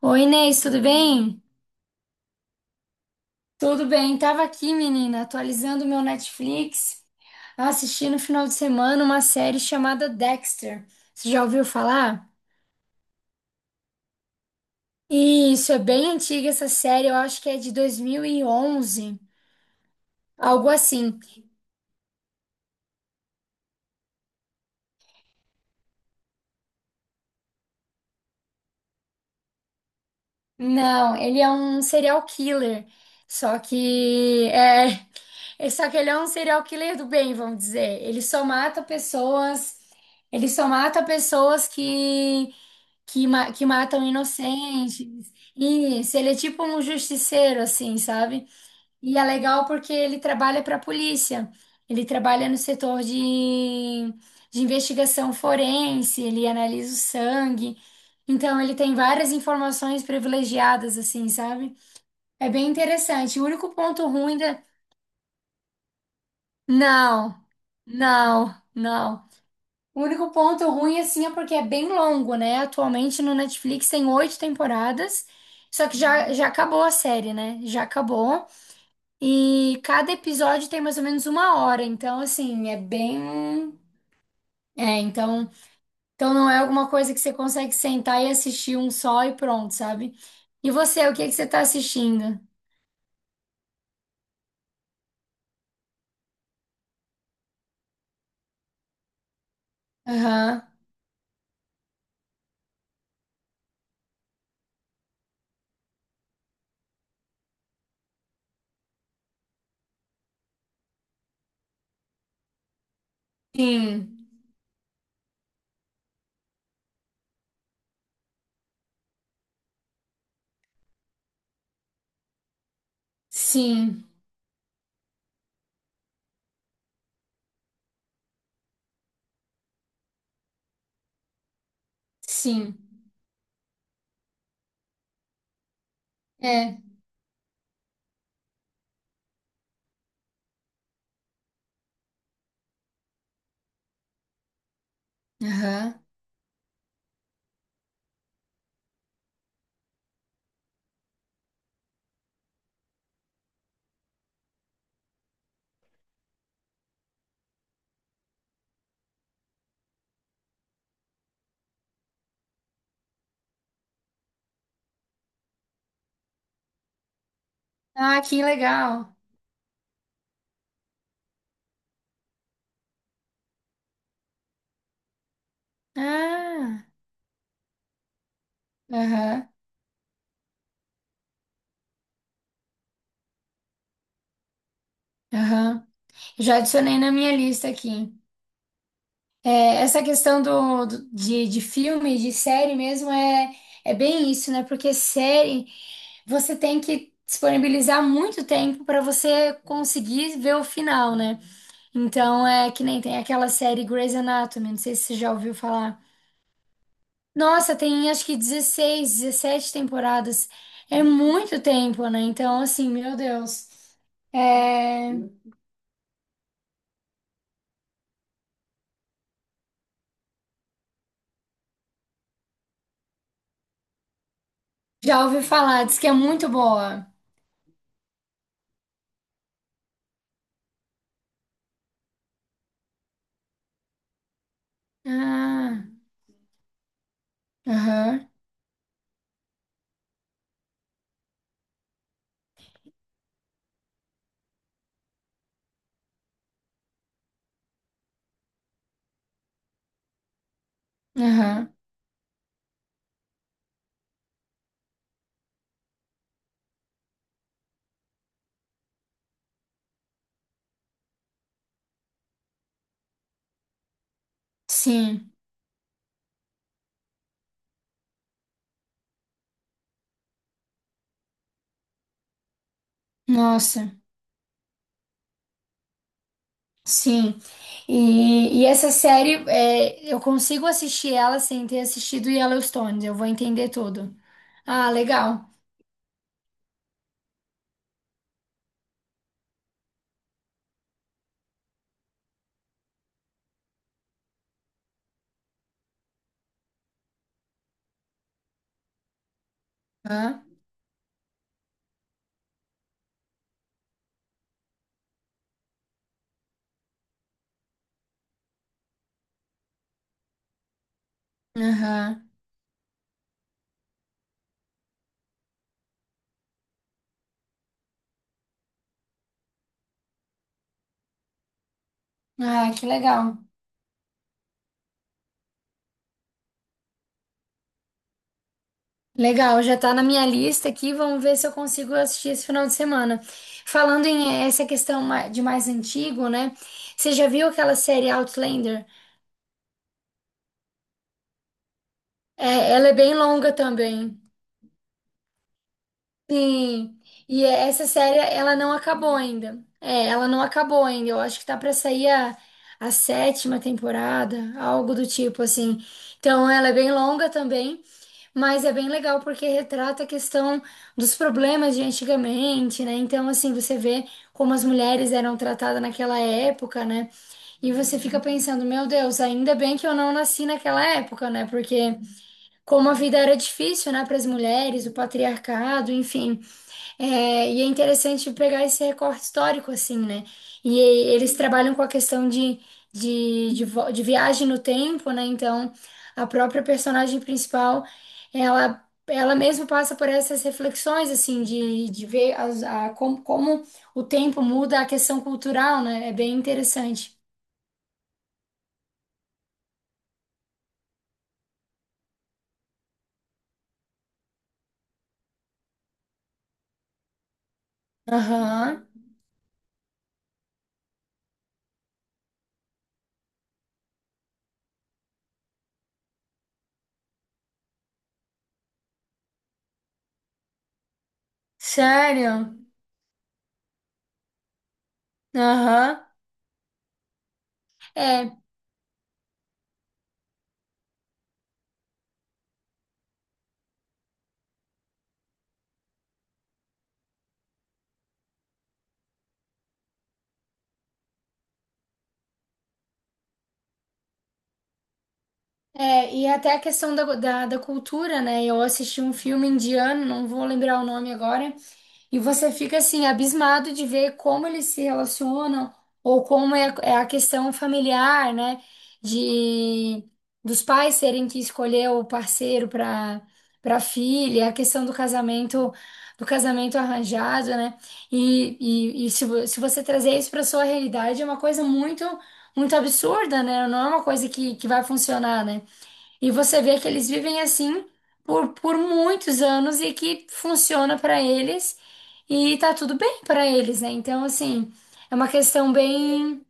Oi, Inês, tudo bem? Tudo bem, tava aqui, menina, atualizando o meu Netflix, assisti no final de semana uma série chamada Dexter. Você já ouviu falar? Isso, é bem antiga essa série, eu acho que é de dois mil e onze, algo assim. Não, ele é um serial killer, só que é, só que ele é um serial killer do bem, vamos dizer. Ele só mata pessoas, ele só mata pessoas que matam inocentes. Isso, ele é tipo um justiceiro, assim, sabe? E é legal porque ele trabalha para a polícia. Ele trabalha no setor de investigação forense, ele analisa o sangue. Então, ele tem várias informações privilegiadas, assim, sabe? É bem interessante. O único ponto ruim da. Não, não, não. O único ponto ruim, assim, é porque é bem longo, né? Atualmente no Netflix tem oito temporadas, só que já acabou a série, né? Já acabou. E cada episódio tem mais ou menos uma hora, então, assim, é bem. É, então não é alguma coisa que você consegue sentar e assistir um só e pronto, sabe? E você, o que que você tá assistindo? Aham. Sim, sim, sim. É. Aham. Ah, que legal. Ah, aham. Aham. Já adicionei na minha lista aqui. É, essa questão de filme, de série mesmo, é, é bem isso, né? Porque série, você tem que disponibilizar muito tempo para você conseguir ver o final, né? Então, é que nem tem aquela série Grey's Anatomy, não sei se você já ouviu falar. Nossa, tem acho que 16 17 temporadas. É muito tempo, né? Então, assim, meu Deus. É, já ouvi falar, diz que é muito boa. Ah. Aham, aham, sim, nossa, sim. E essa série, é, eu consigo assistir ela sem ter assistido Yellowstone, eu vou entender tudo. Ah, legal. Aham, aham. Ah, que legal. Legal, já tá na minha lista aqui, vamos ver se eu consigo assistir esse final de semana. Falando em essa questão de mais antigo, né? Você já viu aquela série Outlander? É, ela é bem longa também. Sim, essa série ela não acabou ainda. É, ela não acabou ainda. Eu acho que tá pra sair a sétima temporada, algo do tipo assim. Então ela é bem longa também, mas é bem legal porque retrata a questão dos problemas de antigamente, né? Então assim, você vê como as mulheres eram tratadas naquela época, né? E você fica pensando, meu Deus, ainda bem que eu não nasci naquela época, né? Porque como a vida era difícil, né, para as mulheres, o patriarcado, enfim. É, e é interessante pegar esse recorte histórico, assim, né? E eles trabalham com a questão de viagem no tempo, né? Então, a própria personagem principal, ela mesma passa por essas reflexões, assim, de ver como o tempo muda a questão cultural, né? É bem interessante. Aham. Sério? Aham. É. É, e até a questão da cultura, né? Eu assisti um filme indiano, não vou lembrar o nome agora, e você fica assim, abismado de ver como eles se relacionam, ou como é, é a questão familiar, né? De dos pais terem que escolher o parceiro para filha, a questão do casamento arranjado, né? E, Se você trazer isso para sua realidade, é uma coisa muito, muito absurda, né? Não é uma coisa que vai funcionar, né? E você vê que eles vivem assim por muitos anos e que funciona pra eles e tá tudo bem pra eles, né? Então, assim, é uma questão bem.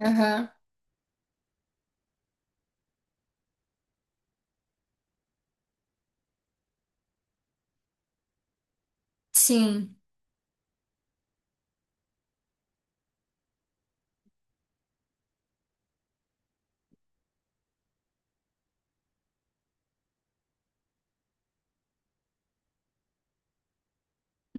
Aham, Sim.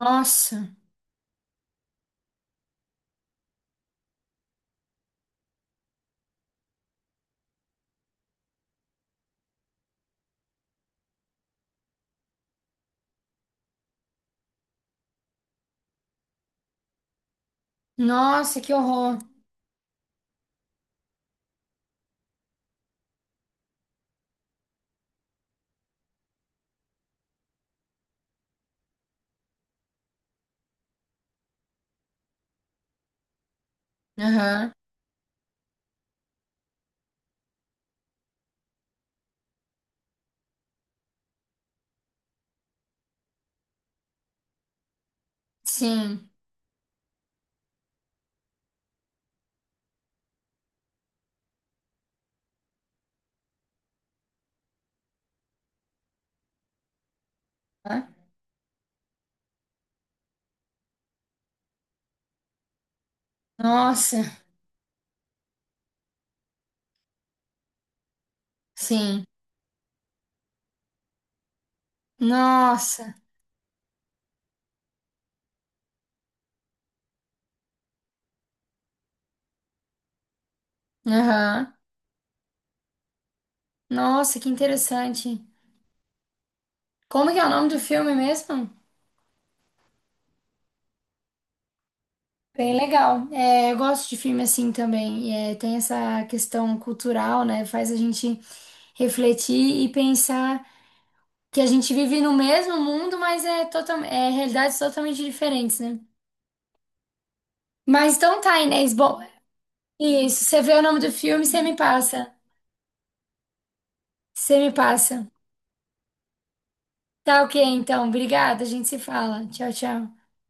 Nossa. Nossa, que horror. Aham, Sim. Aham, Nossa. Sim. Nossa. Aham. Nossa, que interessante. Como que é o nome do filme mesmo? Bem legal. É, eu gosto de filme assim também. E, é, tem essa questão cultural, né? Faz a gente refletir e pensar que a gente vive no mesmo mundo, mas é, total, é realidades totalmente diferentes, né? Mas então tá, Inês. Bom, isso. Você vê o nome do filme, você me passa. Você me passa. Tá ok, então. Obrigada, a gente se fala. Tchau, tchau.